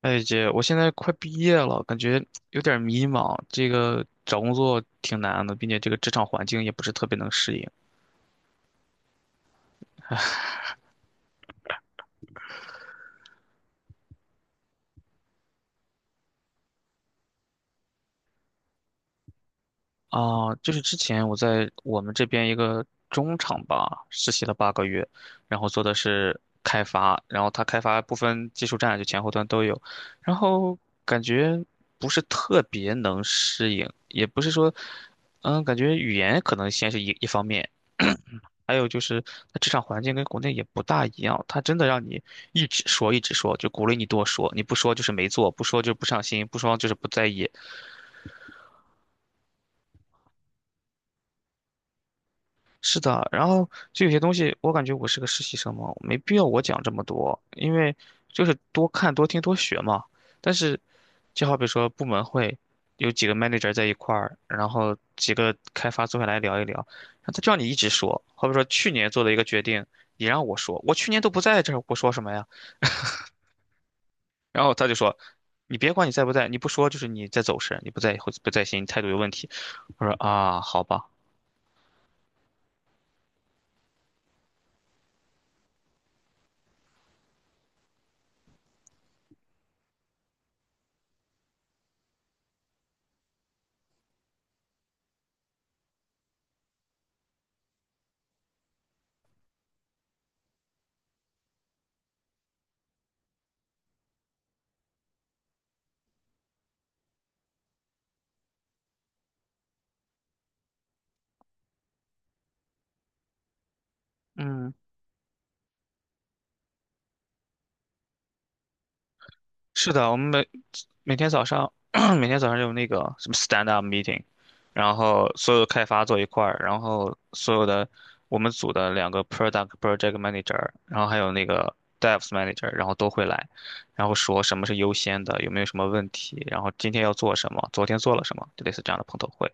哎姐，我现在快毕业了，感觉有点迷茫。这个找工作挺难的，并且这个职场环境也不是特别能适应。啊，就是之前我在我们这边一个中厂吧，实习了8个月，然后做的是开发，然后他开发部分技术栈，就前后端都有，然后感觉不是特别能适应，也不是说，感觉语言可能先是一方面，还有就是它职场环境跟国内也不大一样，他真的让你一直说一直说，就鼓励你多说，你不说就是没做，不说就不上心，不说就是不在意，是的，然后就有些东西，我感觉我是个实习生嘛，没必要我讲这么多，因为就是多看、多听、多学嘛。但是，就好比说部门会有几个 manager 在一块儿，然后几个开发坐下来聊一聊，然后他叫你一直说，好比说去年做的一个决定，你让我说，我去年都不在这儿，我说什么呀？然后他就说，你别管你在不在，你不说就是你在走神，你不在会不在心，你态度有问题。我说啊，好吧，嗯。是的，我们每天早上 每天早上有那个什么 stand up meeting，然后所有开发坐一块儿，然后所有的我们组的两个 project manager，然后还有那个 devs manager，然后都会来，然后说什么是优先的，有没有什么问题，然后今天要做什么，昨天做了什么，就类似这样的碰头会。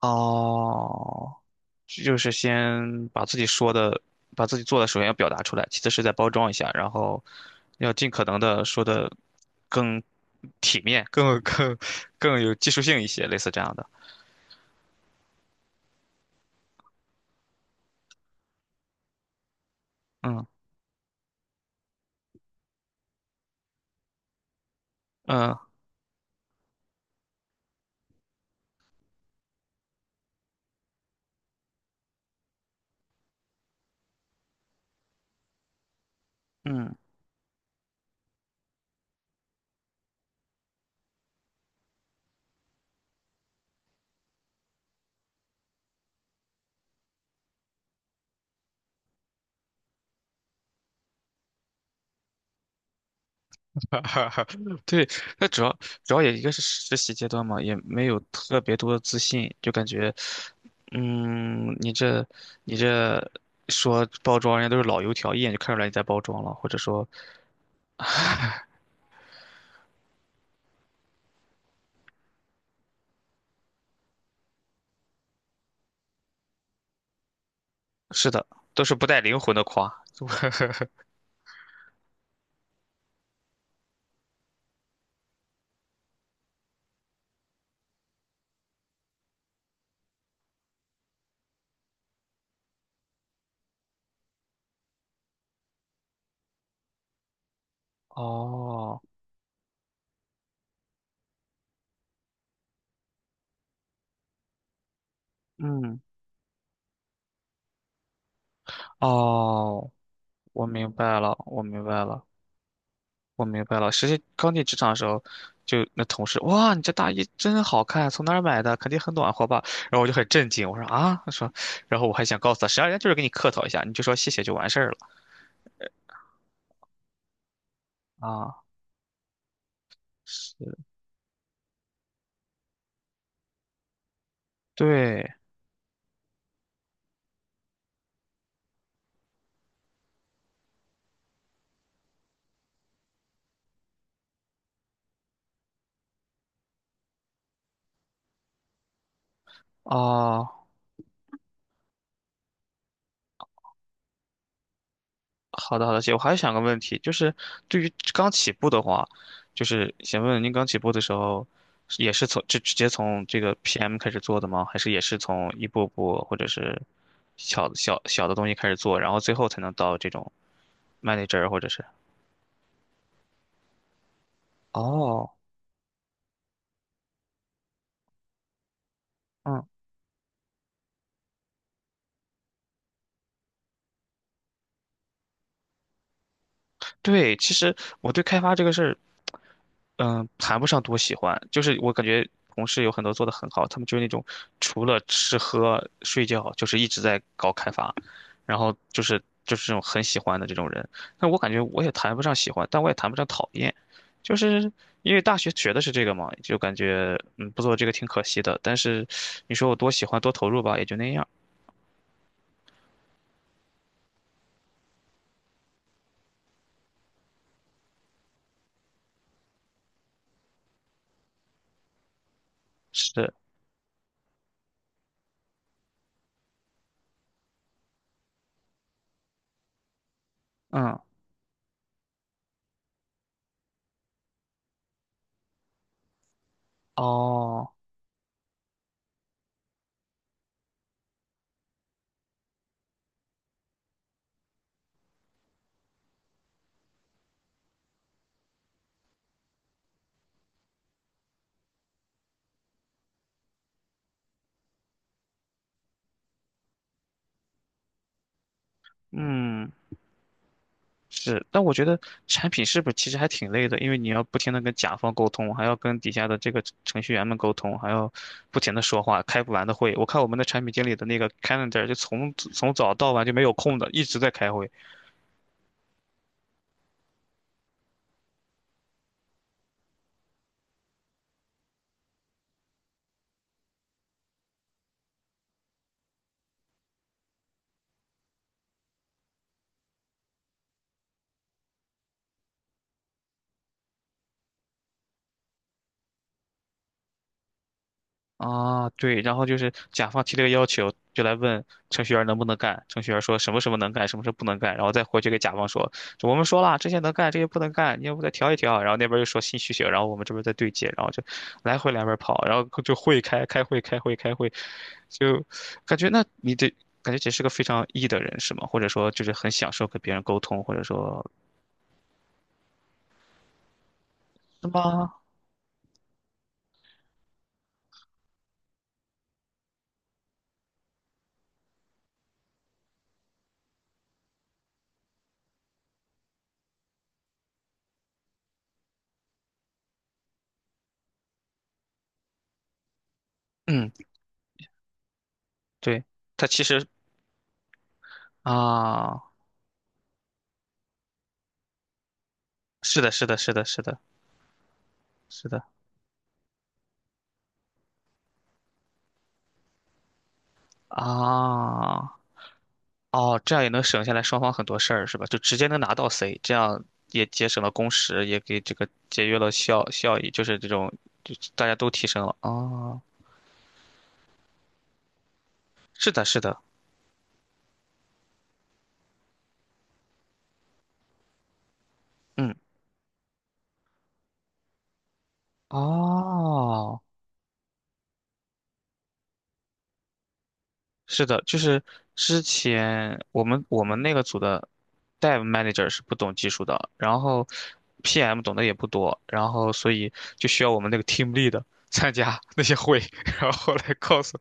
哦，就是先把自己说的、把自己做的，首先要表达出来，其次是在包装一下，然后要尽可能的说的更体面、更更有技术性一些，类似这样的。嗯嗯嗯，哈哈哈 对，那主要主要也一个是实习阶段嘛，也没有特别多的自信，就感觉，嗯，你这你这说包装，人家都是老油条，一眼就看出来你在包装了，或者说，是的，都是不带灵魂的夸。哦，嗯，哦，我明白了，我明白了，我明白了。实际刚进职场的时候，就那同事，哇，你这大衣真好看，从哪儿买的？肯定很暖和吧？然后我就很震惊，我说啊，他说，然后我还想告诉他，实际上人家就是给你客套一下，你就说谢谢就完事儿了啊。是，对，啊。好的，好的，姐，我还想个问题，就是对于刚起步的话，就是想问问您刚起步的时候，是也是从直接从这个 PM 开始做的吗？还是也是从一步步或者是小的东西开始做，然后最后才能到这种 manager 或者是？哦，嗯。对，其实我对开发这个事儿，嗯、谈不上多喜欢，就是我感觉同事有很多做得很好，他们就是那种除了吃喝睡觉，就是一直在搞开发，然后就是这种很喜欢的这种人。但我感觉我也谈不上喜欢，但我也谈不上讨厌，就是因为大学学的是这个嘛，就感觉嗯不做这个挺可惜的。但是你说我多喜欢多投入吧，也就那样。是，嗯，哦，嗯。是，但我觉得产品是不是其实还挺累的，因为你要不停的跟甲方沟通，还要跟底下的这个程序员们沟通，还要不停的说话，开不完的会。我看我们的产品经理的那个 calendar 就从早到晚就没有空的，一直在开会。啊，对，然后就是甲方提了个要求，就来问程序员能不能干。程序员说什么什么能干，什么什么不能干，然后再回去给甲方说，我们说了这些能干，这些不能干，你要不再调一调。然后那边又说新需求，然后我们这边再对接，然后就来回两边跑，然后就会开会开会开会，就感觉那你得感觉这是个非常 E 的人是吗？或者说就是很享受跟别人沟通，或者说是吗？嗯，对，他其实啊，是的，是的，是的，是的，是的。啊，哦，这样也能省下来双方很多事儿，是吧？就直接能拿到 C，这样也节省了工时，也给这个节约了效益，就是这种，就大家都提升了。哦，是的，是的，嗯，哦，是的，就是之前我们那个组的 Dev Manager 是不懂技术的，然后 PM 懂得也不多，然后所以就需要我们那个 Team Lead 参加那些会，然后来告诉。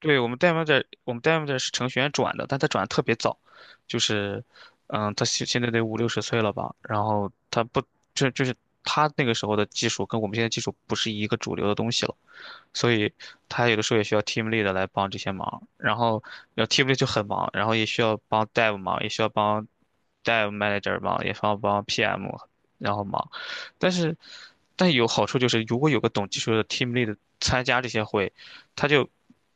对，我们 d e m o 的，我们 demo 的是程序员转的，但他转的特别早，就是，嗯，他现在得五六十岁了吧？然后他不，就就是他那个时候的技术跟我们现在技术不是一个主流的东西了，所以他有的时候也需要 team lead 来帮这些忙，然后team lead 就很忙，然后也需要帮 dev 忙，也需要帮 dev manager 忙，也需要帮 PM 然后忙，但是有好处就是，如果有个懂技术的 team lead 参加这些会，他就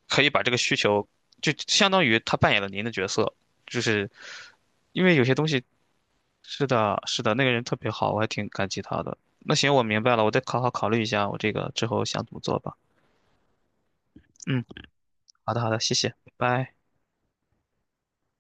可以把这个需求就相当于他扮演了您的角色，就是因为有些东西是的，是的，那个人特别好，我还挺感激他的。那行，我明白了，我再好好考虑一下我这个之后想怎么做吧。嗯。好的，好的，谢谢，拜拜。